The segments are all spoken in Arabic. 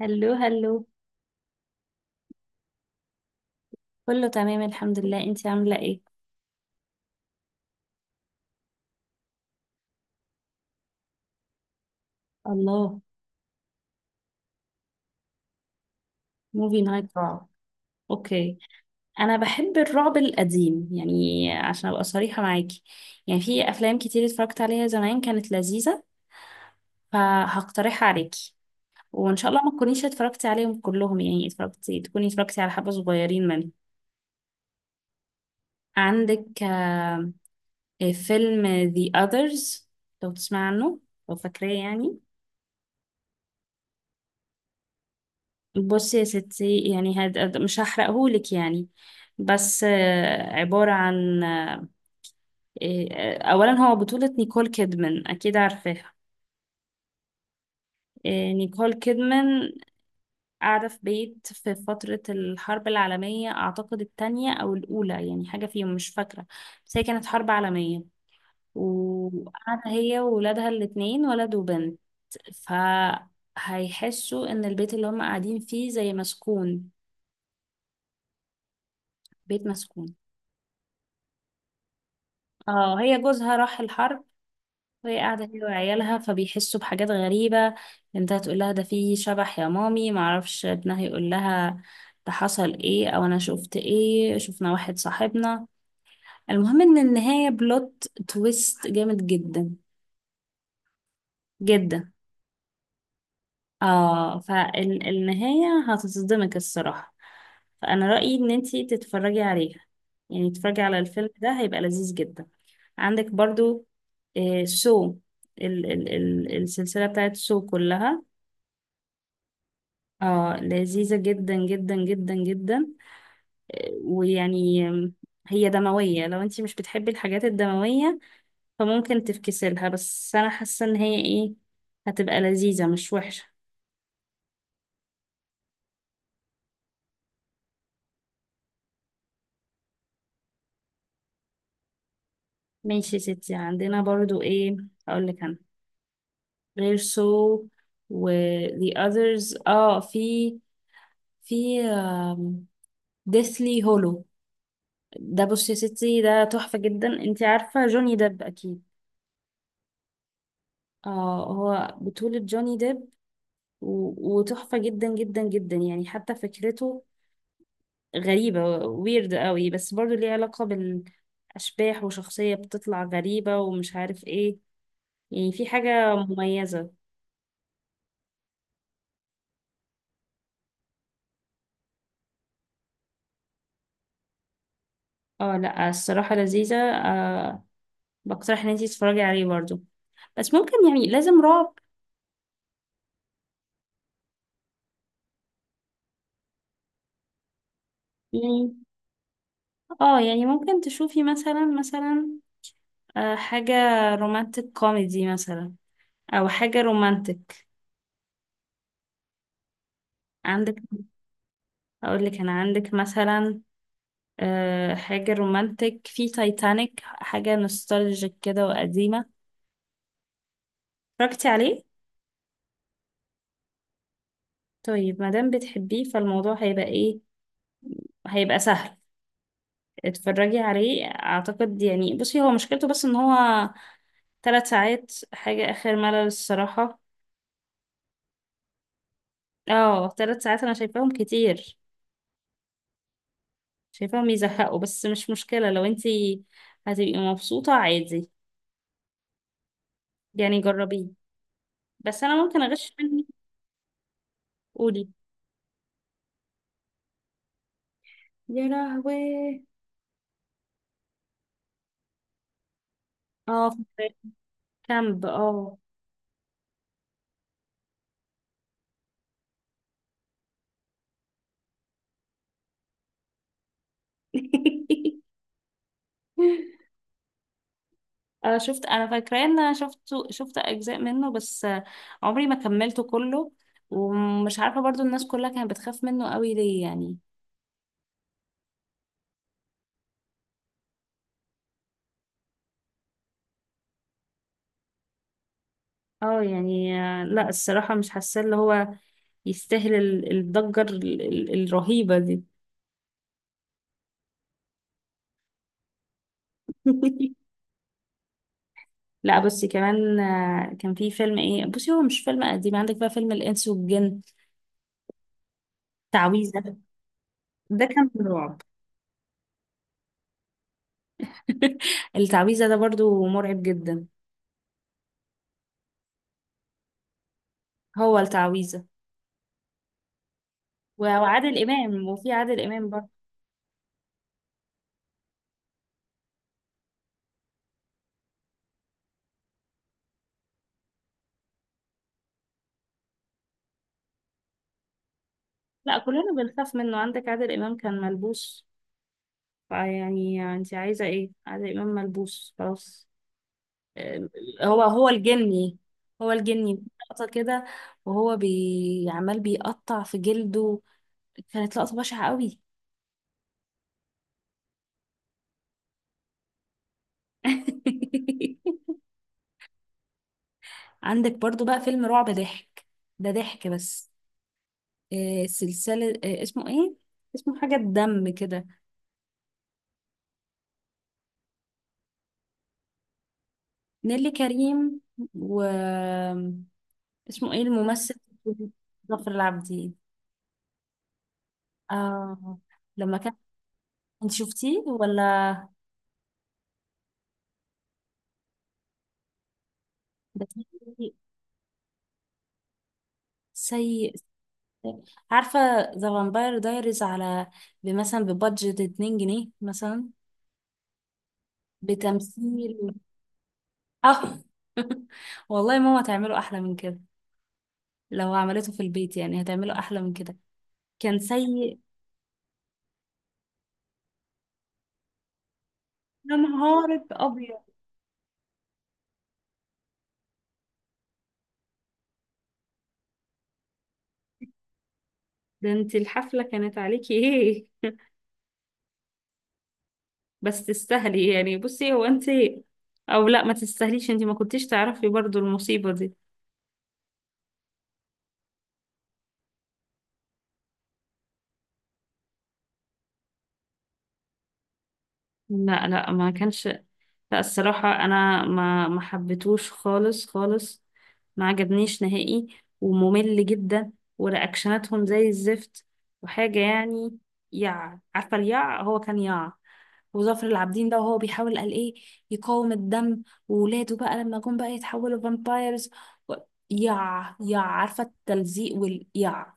هلو هلو. كله تمام الحمد لله، انتي عاملة ايه؟ الله. موفي نايت رعب؟ اوكي. انا بحب الرعب القديم يعني عشان ابقى صريحة معاكي. يعني في افلام كتير اتفرجت عليها زمان كانت لذيذة، فهقترحها عليكي. وان شاء الله ما تكونيش اتفرجتي عليهم كلهم، يعني اتفرجتي تكوني اتفرجتي على حبة صغيرين منهم. عندك فيلم The Others، لو تسمع عنه، لو فاكراه يعني. بصي يا ستي، يعني مش هحرقهولك يعني. بس عبارة عن أولا هو بطولة نيكول كيدمان، أكيد عارفاها. نيكول كيدمان قاعدة في بيت في فترة الحرب العالمية، أعتقد التانية أو الأولى يعني، حاجة فيهم مش فاكرة، بس هي كانت حرب عالمية. وقاعدة هي وولادها الاتنين، ولد وبنت. فهيحسوا إن البيت اللي هم قاعدين فيه زي مسكون، بيت مسكون. اه، هي جوزها راح الحرب وهي قاعدة هي وعيالها، فبيحسوا بحاجات غريبة. بنتها تقول لها ده فيه شبح يا مامي، معرفش ابنها يقول لها ده حصل ايه او انا شفت ايه، شفنا واحد صاحبنا. المهم ان النهاية بلوت تويست جامد جدا جدا. اه، فالنهاية هتتصدمك الصراحة. فانا رأيي ان انتي تتفرجي عليها، يعني تتفرجي على الفيلم ده هيبقى لذيذ جدا. عندك برضو سو، ال ال ال السلسلة بتاعت سو كلها، اه، لذيذة جدا جدا جدا جدا. ويعني هي دموية، لو انتي مش بتحبي الحاجات الدموية فممكن تفكسلها، بس انا حاسة ان هي ايه، هتبقى لذيذة مش وحشة. ماشي يا ستي، عندنا برضو ايه اقولك انا، غير سو و the others، اه، في في deathly hollow. ده بصي يا ستي، ده تحفة جدا، انتي عارفة جوني ديب اكيد. اه، هو بطولة جوني ديب، وتحفة جدا جدا جدا، يعني حتى فكرته غريبة، ويرد قوي، بس برضو ليه علاقة بالأشباح وشخصية بتطلع غريبة ومش عارف ايه، يعني في حاجة مميزة. اه لا، الصراحة لذيذة. بقترح ان انتي تتفرجي عليه برضو، بس ممكن يعني لازم رعب. يعني اه، يعني ممكن تشوفي مثلا حاجة رومانتك كوميدي مثلا، او حاجة رومانتك. عندك، اقول لك انا، عندك مثلا حاجة رومانتك في تايتانيك، حاجة نوستالجيك كده وقديمة. اتفرجتي عليه؟ طيب مادام بتحبيه فالموضوع هيبقى ايه، هيبقى سهل، اتفرجي عليه. اعتقد يعني، بصي هو مشكلته بس ان هو 3 ساعات، حاجة اخر ملل الصراحة. اه، 3 ساعات انا شايفاهم كتير، شايفاهم يزهقوا، بس مش مشكلة لو انتي هتبقي مبسوطة عادي، يعني جربيه. بس انا ممكن اغش منك. قولي. يا لهوي. اه، فكرة كامب اه. شفت، انا فاكراه ان انا شفت، شفت اجزاء منه بس، عمري ما كملته كله. ومش عارفه برضو الناس كلها كانت بتخاف منه قوي ليه يعني. اه يعني، لا الصراحه مش حاسه اللي هو يستاهل الضجه الرهيبه دي. لا، بصي كمان، كان في فيلم ايه، بصي هو مش فيلم قديم، عندك بقى فيلم الانس والجن، تعويذه. ده كان رعب. التعويذه ده برضو مرعب جدا. هو التعويذه وعادل إمام، وفي عادل إمام برضه. لا، كلنا بنخاف منه. عندك عادل إمام كان ملبوس، فيعني انت عايزة ايه؟ عادل إمام ملبوس خلاص. آه، هو هو الجني، هو الجني. لقطة كده وهو عمال بيقطع في جلده، كانت لقطة بشعة قوي. عندك برضو بقى فيلم رعب ضحك، ده ضحك بس. سلسلة، اسمه ايه، اسمه حاجة الدم كده. نيلي كريم و اسمه ايه الممثل، ظافر العابدين. اه لما كان، انت شفتيه ولا؟ ده سيء سيء. عارفة ذا فامباير دايريز على مثلا ببادجت 2 جنيه مثلا، بتمثيل، اه. والله ماما تعمله أحلى من كده، لو عملته في البيت يعني هتعمله أحلى من كده، كان سيء. يا نهار أبيض. ده انت الحفلة كانت عليكي ايه. بس تستاهلي يعني، بصي هو انت، او لا ما تستاهليش، انتي ما كنتيش تعرفي برضو المصيبة دي. لا لا، ما كانش. لا الصراحة انا ما حبيتهوش خالص خالص، ما عجبنيش نهائي، وممل جدا، ورياكشناتهم زي الزفت، وحاجة يعني، يع، عارفة اليع، هو كان يع. وظافر العابدين ده وهو بيحاول قال ايه، يقاوم الدم، وولاده بقى لما جم بقى يتحولوا فامبايرز، و... يع يع، عارفة التلزيق واليع.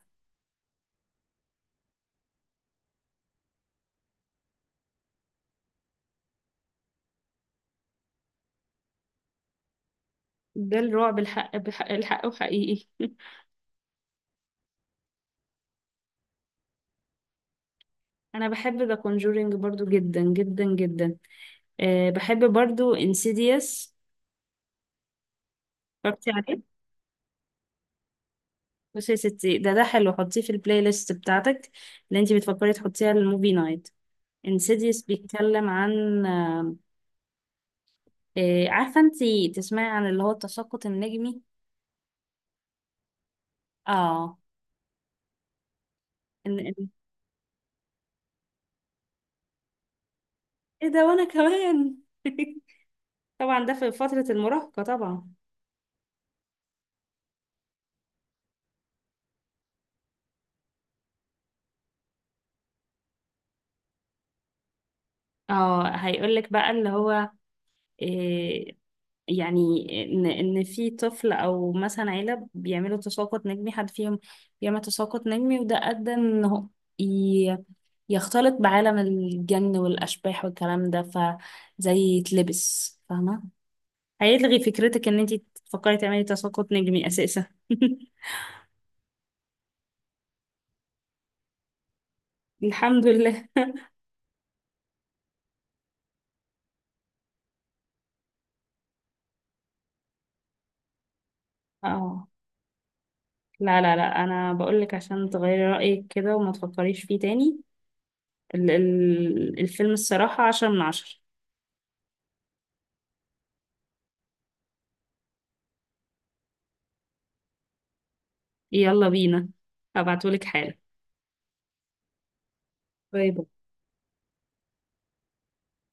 ده الرعب الحق بحق الحق وحقيقي. انا بحب ذا كونجورينج برضو جدا جدا جدا. أه، بحب برضو انسيديوس. اتفرجتي عليه؟ بصي يا ستي، ده حلو، حطيه في البلاي ليست بتاعتك اللي انتي بتفكري تحطيها للموفي نايت. انسيديوس بيتكلم عن، عارفه انتي تسمعي عن اللي هو التساقط النجمي. اه. ان إن- ايه ده، وانا كمان. طبعا ده في فتره المراهقه طبعا. اه، هيقولك بقى اللي هو، آه، يعني، ان في طفل او مثلا عيله بيعملوا تساقط نجمي، حد فيهم بيعمل تساقط نجمي، وده ادى انه ي- يختلط بعالم الجن والاشباح والكلام ده، فزي يتلبس فاهمه. هيلغي فكرتك ان انت تفكري تعملي تساقط نجمي اساسا. الحمد لله. اه لا لا لا، انا بقولك عشان تغيري رايك كده وما تفكريش فيه تاني. الفيلم الصراحه 10 من 10. يلا بينا، هبعتهولك حالا. غيظك.